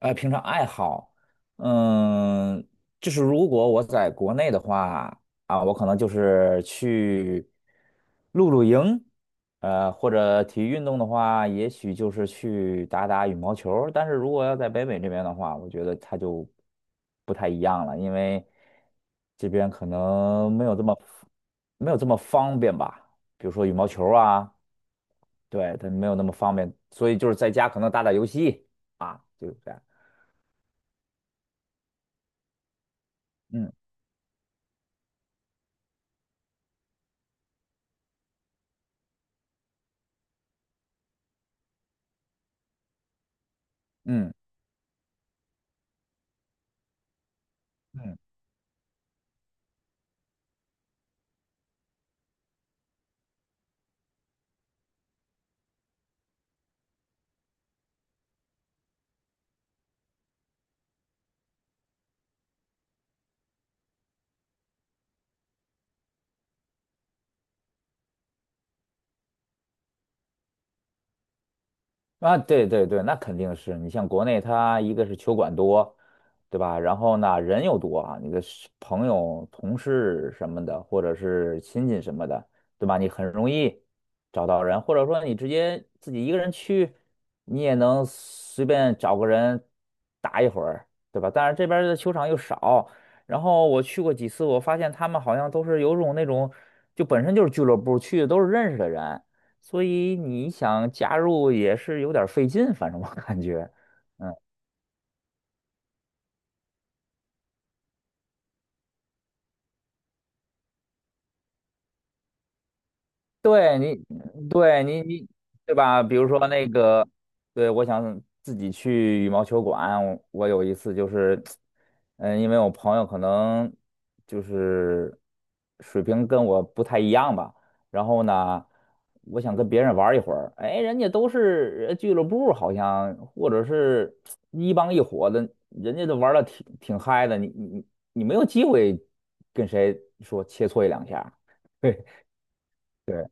平常爱好，嗯，就是如果我在国内的话，我可能就是去露营，或者体育运动的话，也许就是去打打羽毛球儿。但是如果要在北美这边的话，我觉得它就不太一样了，因为这边可能没有这么方便吧，比如说羽毛球儿啊，对，它没有那么方便，所以就是在家可能打打游戏啊，就是这样。嗯。嗯嗯。啊，对对对，那肯定是你像国内，它一个是球馆多，对吧？然后呢，人又多啊，你的是朋友、同事什么的，或者是亲戚什么的，对吧？你很容易找到人，或者说你直接自己一个人去，你也能随便找个人打一会儿，对吧？但是这边儿的球场又少，然后我去过几次，我发现他们好像都是有种那种，就本身就是俱乐部去的都是认识的人。所以你想加入也是有点儿费劲，反正我感觉，嗯。对你，对你，对吧？比如说那个，对，我想自己去羽毛球馆。我有一次就是，因为我朋友可能就是水平跟我不太一样吧，然后呢，我想跟别人玩儿一会儿，哎，人家都是俱乐部，好像或者是一帮一伙的，人家都玩的挺嗨的，你没有机会跟谁说切磋一两下儿。 对对，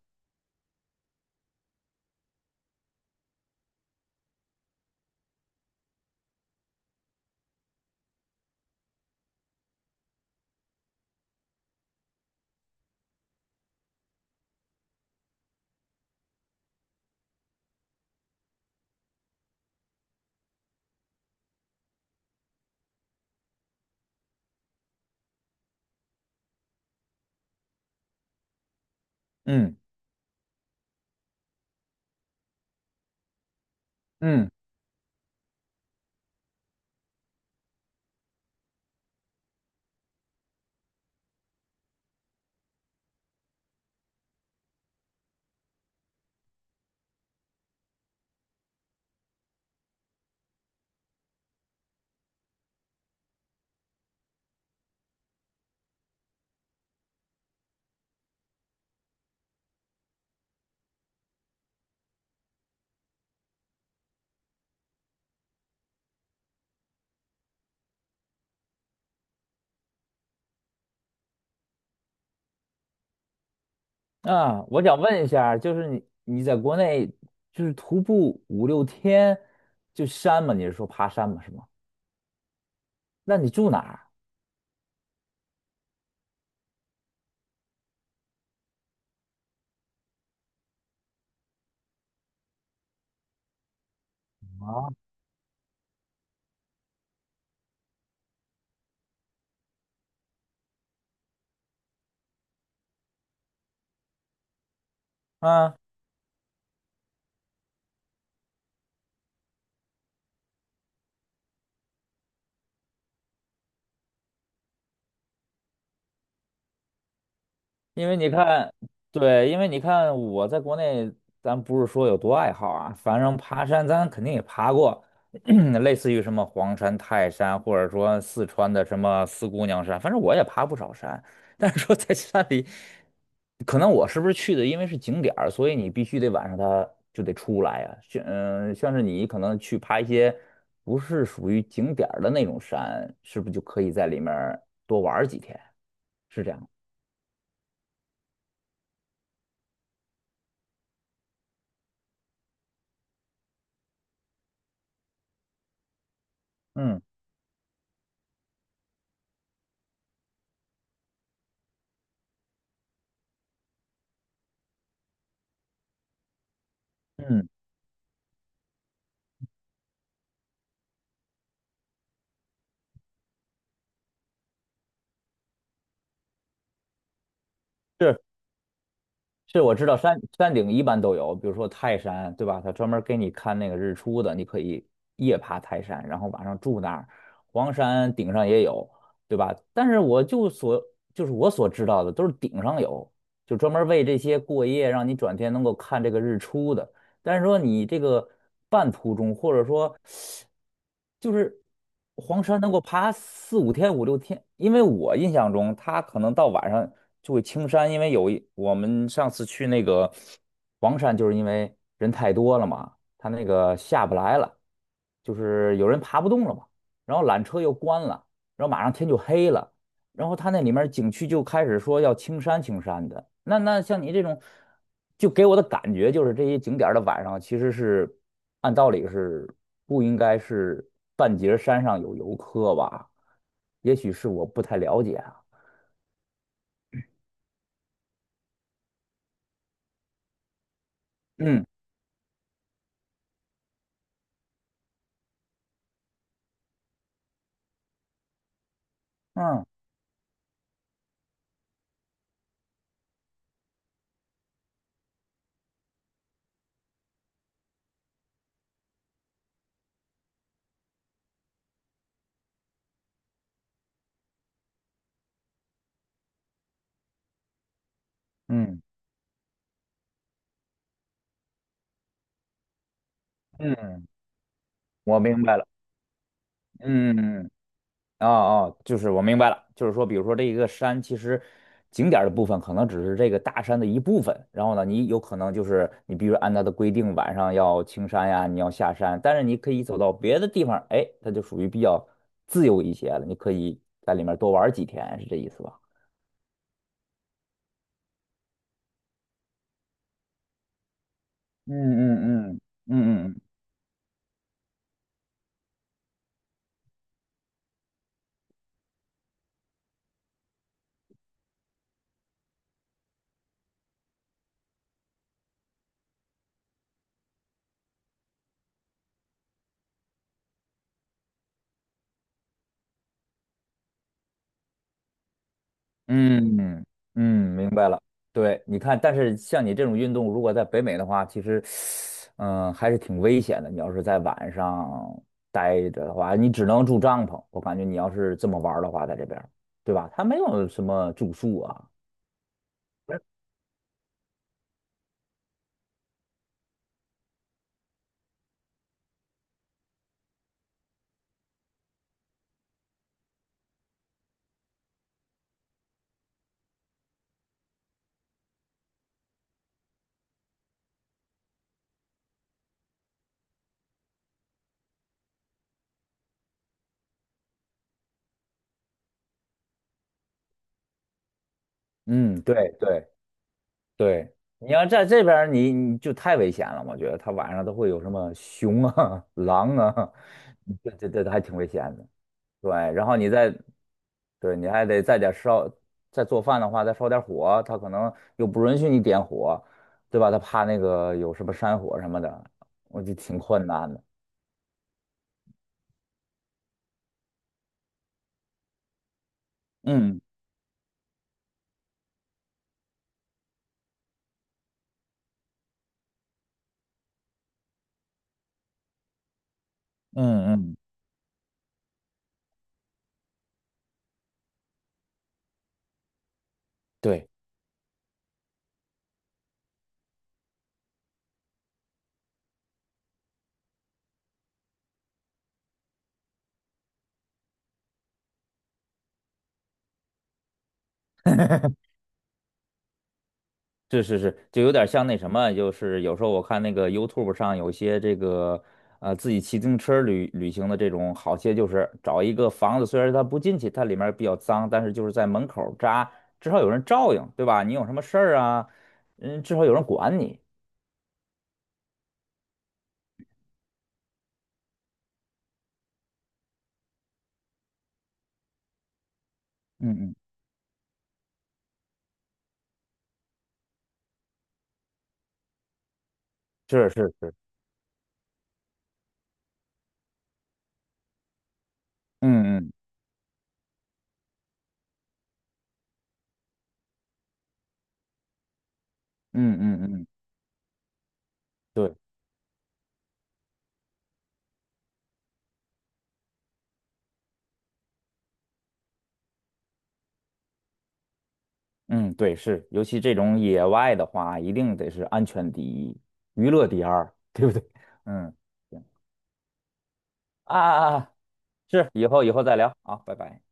嗯。嗯。啊，我想问一下，就是你在国内就是徒步五六天就山嘛？你是说爬山嘛？是吗？那你住哪儿？啊，啊，因为你看，对，因为你看我在国内，咱不是说有多爱好啊，反正爬山咱肯定也爬过，类似于什么黄山、泰山，或者说四川的什么四姑娘山，反正我也爬不少山。但是说在山里，可能我是不是去的，因为是景点儿，所以你必须得晚上它就得出来呀、像是你可能去爬一些不是属于景点儿的那种山，是不是就可以在里面儿多玩儿几天？是这样。嗯嗯，是。是我知道山顶一般都有，比如说泰山，对吧？他专门给你看那个日出的，你可以夜爬泰山，然后晚上住那儿。黄山顶上也有，对吧？但是我就所就是我所知道的都是顶上有，就专门为这些过夜，让你转天能够看这个日出的。但是说你这个半途中，或者说就是黄山能够爬四五天、五六天，因为我印象中它可能到晚上就会青山，因为我们上次去那个黄山，就是因为人太多了嘛，它那个下不来了，就是有人爬不动了嘛，然后缆车又关了，然后马上天就黑了。然后他那里面景区就开始说要青山青山的。那像你这种，就给我的感觉就是这些景点儿的晚上其实是按道理是不应该是半截儿山上有游客吧？也许是我不太了解啊。嗯嗯嗯嗯，我明白了。嗯嗯。嗯。哦哦，就是我明白了，就是说，比如说这一个山，其实景点儿的部分可能只是这个大山的一部分，然后呢，你有可能就是你必须按它的规定，晚上要青山呀，你要下山，但是你可以走到别的地方，哎，它就属于比较自由一些了，你可以在里面多玩儿几天，是这意思吧？嗯嗯嗯嗯嗯，嗯嗯嗯，明白了。对，你看，但是像你这种运动，如果在北美的话，其实，还是挺危险的。你要是在晚上待着的话，你只能住帐篷。我感觉你要是这么玩儿的话，在这边儿对吧？它没有什么住宿啊。嗯，对对对，你要在这边儿你就太危险了。我觉得它晚上都会有什么熊啊、狼啊，这还挺危险的。对，然后你再，对，你还得再点烧，再做饭的话，再烧点火，他可能又不允许你点火，对吧？他怕那个有什么山火什么的，我就挺困难的。嗯嗯嗯，对。是是是，就有点像那什么，就是有时候我看那个 YouTube 上有些这个自己骑自行车旅行的这种，好些就是找一个房子，虽然它不进去，它里面比较脏，但是就是在门口扎，至少有人照应，对吧？你有什么事儿啊，嗯，至少有人管你。嗯嗯，是是是，嗯嗯嗯嗯嗯，对，嗯对是，尤其这种野外的话，一定得是安全第一，娱乐第二，对不对？嗯。行。啊啊啊！是，以后再聊啊，拜拜。